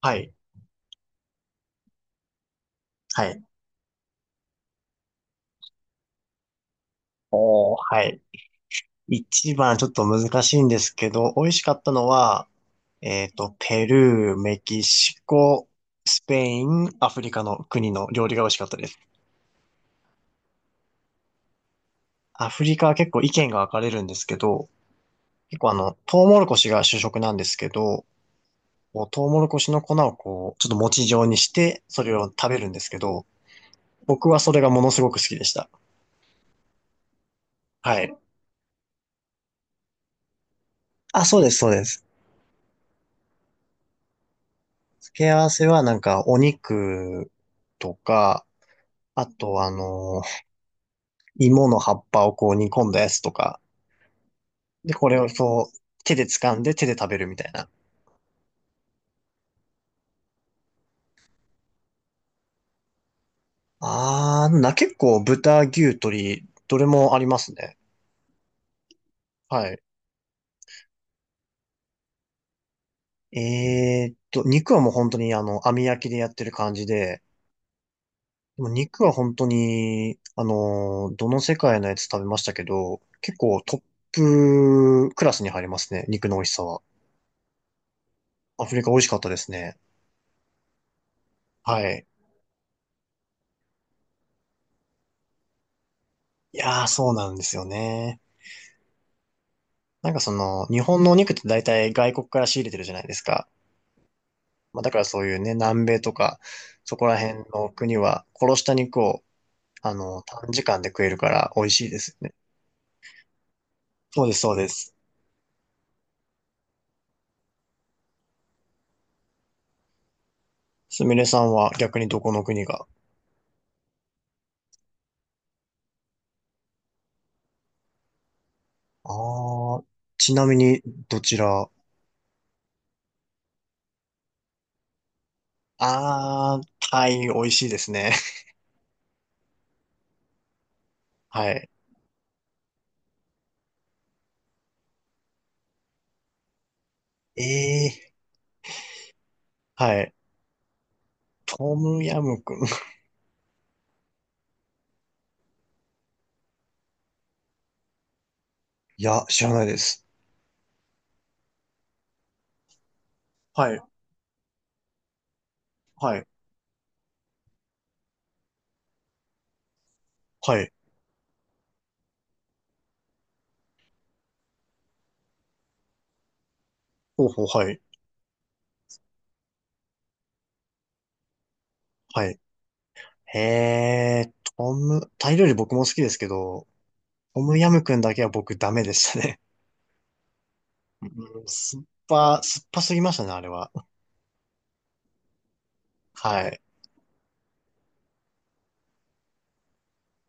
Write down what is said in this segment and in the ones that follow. はい。はい。おー、はい。一番ちょっと難しいんですけど、美味しかったのは、ペルー、メキシコ、スペイン、アフリカの国の料理が美味しかったです。アフリカは結構意見が分かれるんですけど、結構トウモロコシが主食なんですけど、こうトウモロコシの粉をこう、ちょっと餅状にして、それを食べるんですけど、僕はそれがものすごく好きでした。はい。あ、そうです、そうです。付け合わせはなんかお肉とか、あと、芋の葉っぱをこう煮込んだやつとか、で、これをこう、手で掴んで手で食べるみたいな。あー、な、結構豚、牛、鶏、どれもありますね。はい。肉はもう本当に網焼きでやってる感じで、でも肉は本当に、あの、どの世界のやつ食べましたけど、結構トップクラスに入りますね、肉の美味しさは。アフリカ美味しかったですね。はい。いやー、そうなんですよね。なんかその、日本のお肉って大体外国から仕入れてるじゃないですか。まあ、だからそういうね、南米とか、そこら辺の国は殺した肉を、短時間で食えるから美味しいですよね。そうです、そうです。すみれさんは逆にどこの国が。ああ、ちなみにどちら。ああー、タイ美味しいですね。はい。ええ、はい。トムヤムクン。いや、知らないです。はい、はい、はい。ほうほう、はい、はい。へえ、トム、タイ料理僕も好きですけど、トムヤムクンだけは僕ダメでしたね。うん、酸っぱすぎましたね、あれは。はい。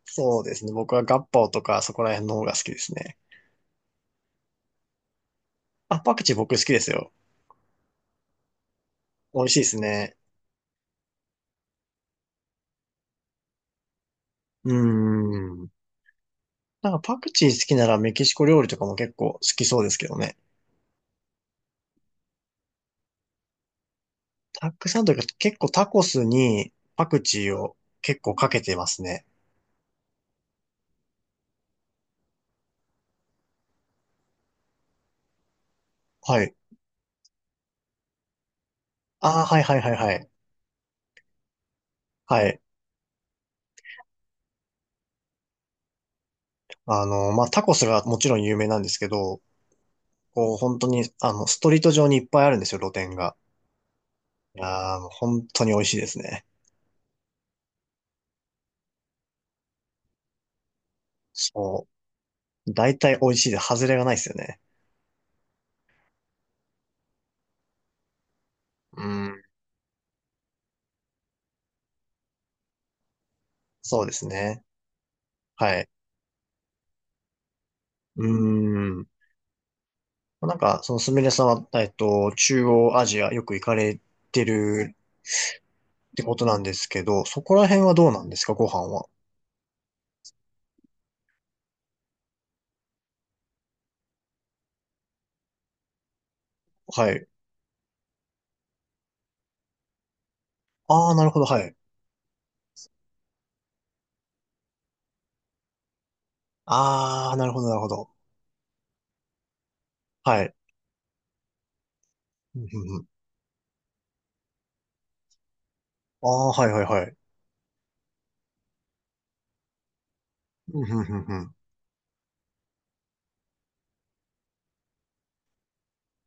そうですね。僕はガッパオとかそこら辺の方が好きですね。あ、パクチー僕好きですよ。美味しいですね。うーん。なんかパクチー好きならメキシコ料理とかも結構好きそうですけどね。たくさんというか結構タコスにパクチーを結構かけてますね。はい。ああ、はいはいはいはい。はい。まあ、タコスがもちろん有名なんですけど、こう、本当に、ストリート上にいっぱいあるんですよ、露店が。いやー、もう本当に美味しいですね。そう。大体美味しいで、外れがないですよね。うん。そうですね。はい。うん。なんか、そのすみれさんは、中央アジアよく行かれてるってことなんですけど、そこら辺はどうなんですか、ご飯は。はい。あー、なるほど、はい。あー、なるほど、なるほど。はい。うんうんうん、あー、はい、はい、はい。うんうんうんうん、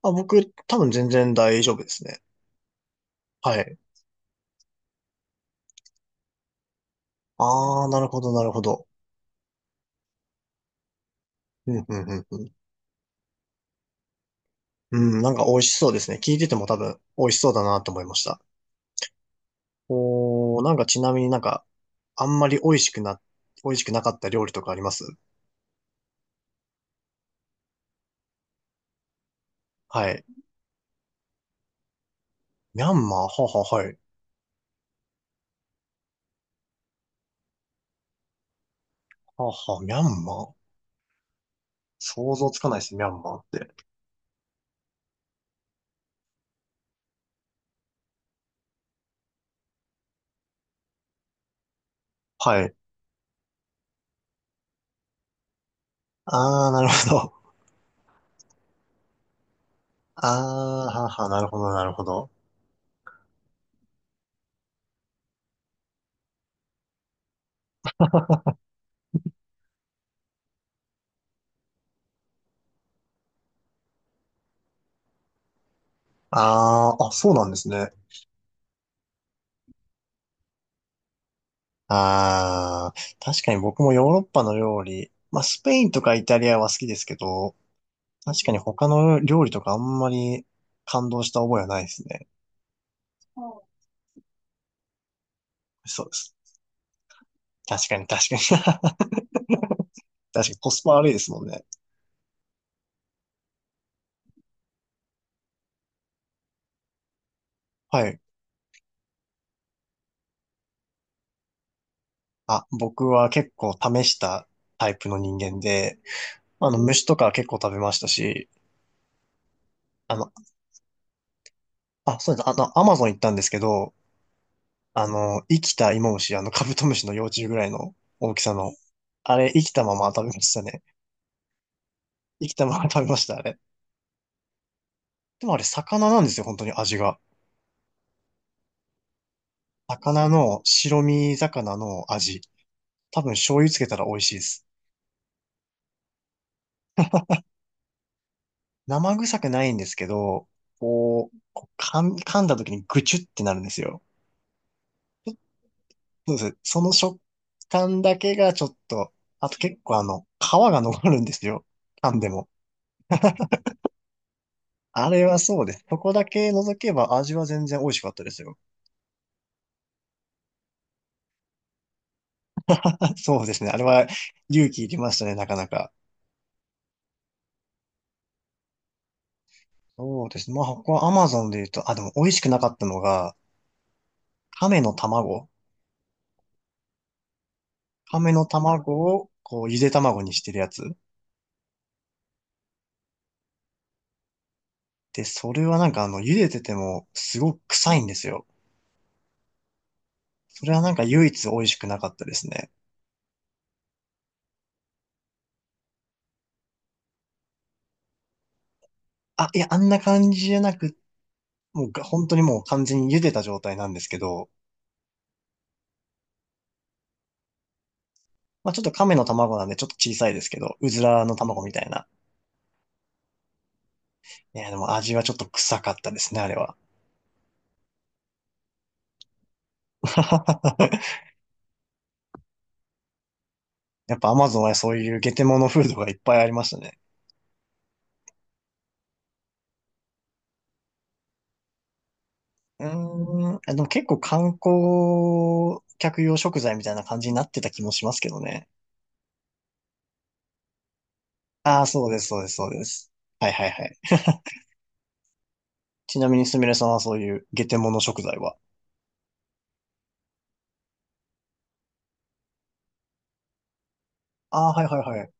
あ、僕、多分全然大丈夫ですね。はい。ああ、なるほど、なるほど。うん、うん、うん、うん。うん、なんか美味しそうですね。聞いてても多分美味しそうだなと思いました。おー、なんかちなみになんか、あんまり美味しくな、美味しくなかった料理とかあります。はい。ミャンマーはは、はい。はは、ミャンマー、想像つかないですね、ミャンマーって。はい。ああ、なるほど。ああ、はは、なるほど、なるほど。ああ、あ、そうなんですね。ああ、確かに僕もヨーロッパの料理、まあスペインとかイタリアは好きですけど、確かに他の料理とかあんまり感動した覚えはないですね。そうです。確かに確かに。確かにコスパ悪いですもんね。はい。あ、僕は結構試したタイプの人間で、虫とか結構食べましたし、あの、あ、そうです。アマゾン行ったんですけど、あの、生きたイモムシ、あの、カブトムシの幼虫ぐらいの大きさの、あれ、生きたまま食べましたね。生きたまま食べました、あれ。でもあれ、魚なんですよ、本当に味が。魚の、白身魚の味。多分醤油つけたら美味しいです。生臭くないんですけど、こう、こう噛んだ時にぐちゅってなるんですよ。そうです。その食感だけがちょっと、あと結構皮が残るんですよ。噛んでも。あれはそうです。そこだけ除けば味は全然美味しかったですよ。そうですね。あれは勇気いりましたね、なかなか。そうですね。まあ、ここは Amazon で言うと、あ、でも美味しくなかったのが、亀の卵。亀の卵を、こう、ゆで卵にしてるやつ。で、それはなんか茹でてても、すごく臭いんですよ。それはなんか唯一美味しくなかったですね。あ、いや、あんな感じじゃなく、もうが、本当にもう完全に茹でた状態なんですけど、まあちょっと亀の卵なんでちょっと小さいですけど、うずらの卵みたいな。いや、でも味はちょっと臭かったですね、あれは。やっぱ Amazon はそういうゲテモノフードがいっぱいありましたね。うーん、結構観光客用食材みたいな感じになってた気もしますけどね。ああ、そうです、そうです、そうです。はいはいはい。ちなみにすみれさんはそういうゲテモノ食材は。ああー、はいはいはい。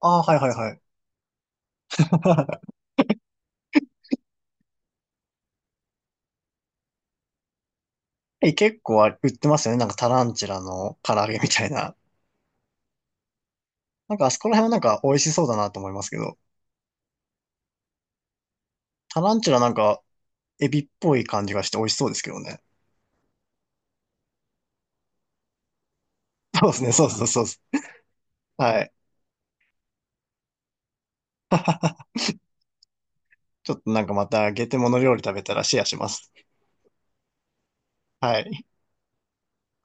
ああ、はいはいはい。え、結構あれ売ってますよね。なんかタランチュラの唐揚げみたいな。なんかあそこら辺はなんか美味しそうだなと思いますけど。タランチュラなんかエビっぽい感じがして美味しそうですけどね。そうですね、そうそうそうそう。はい。ちょっとなんかまたゲテモノ料理食べたらシェアします。はい。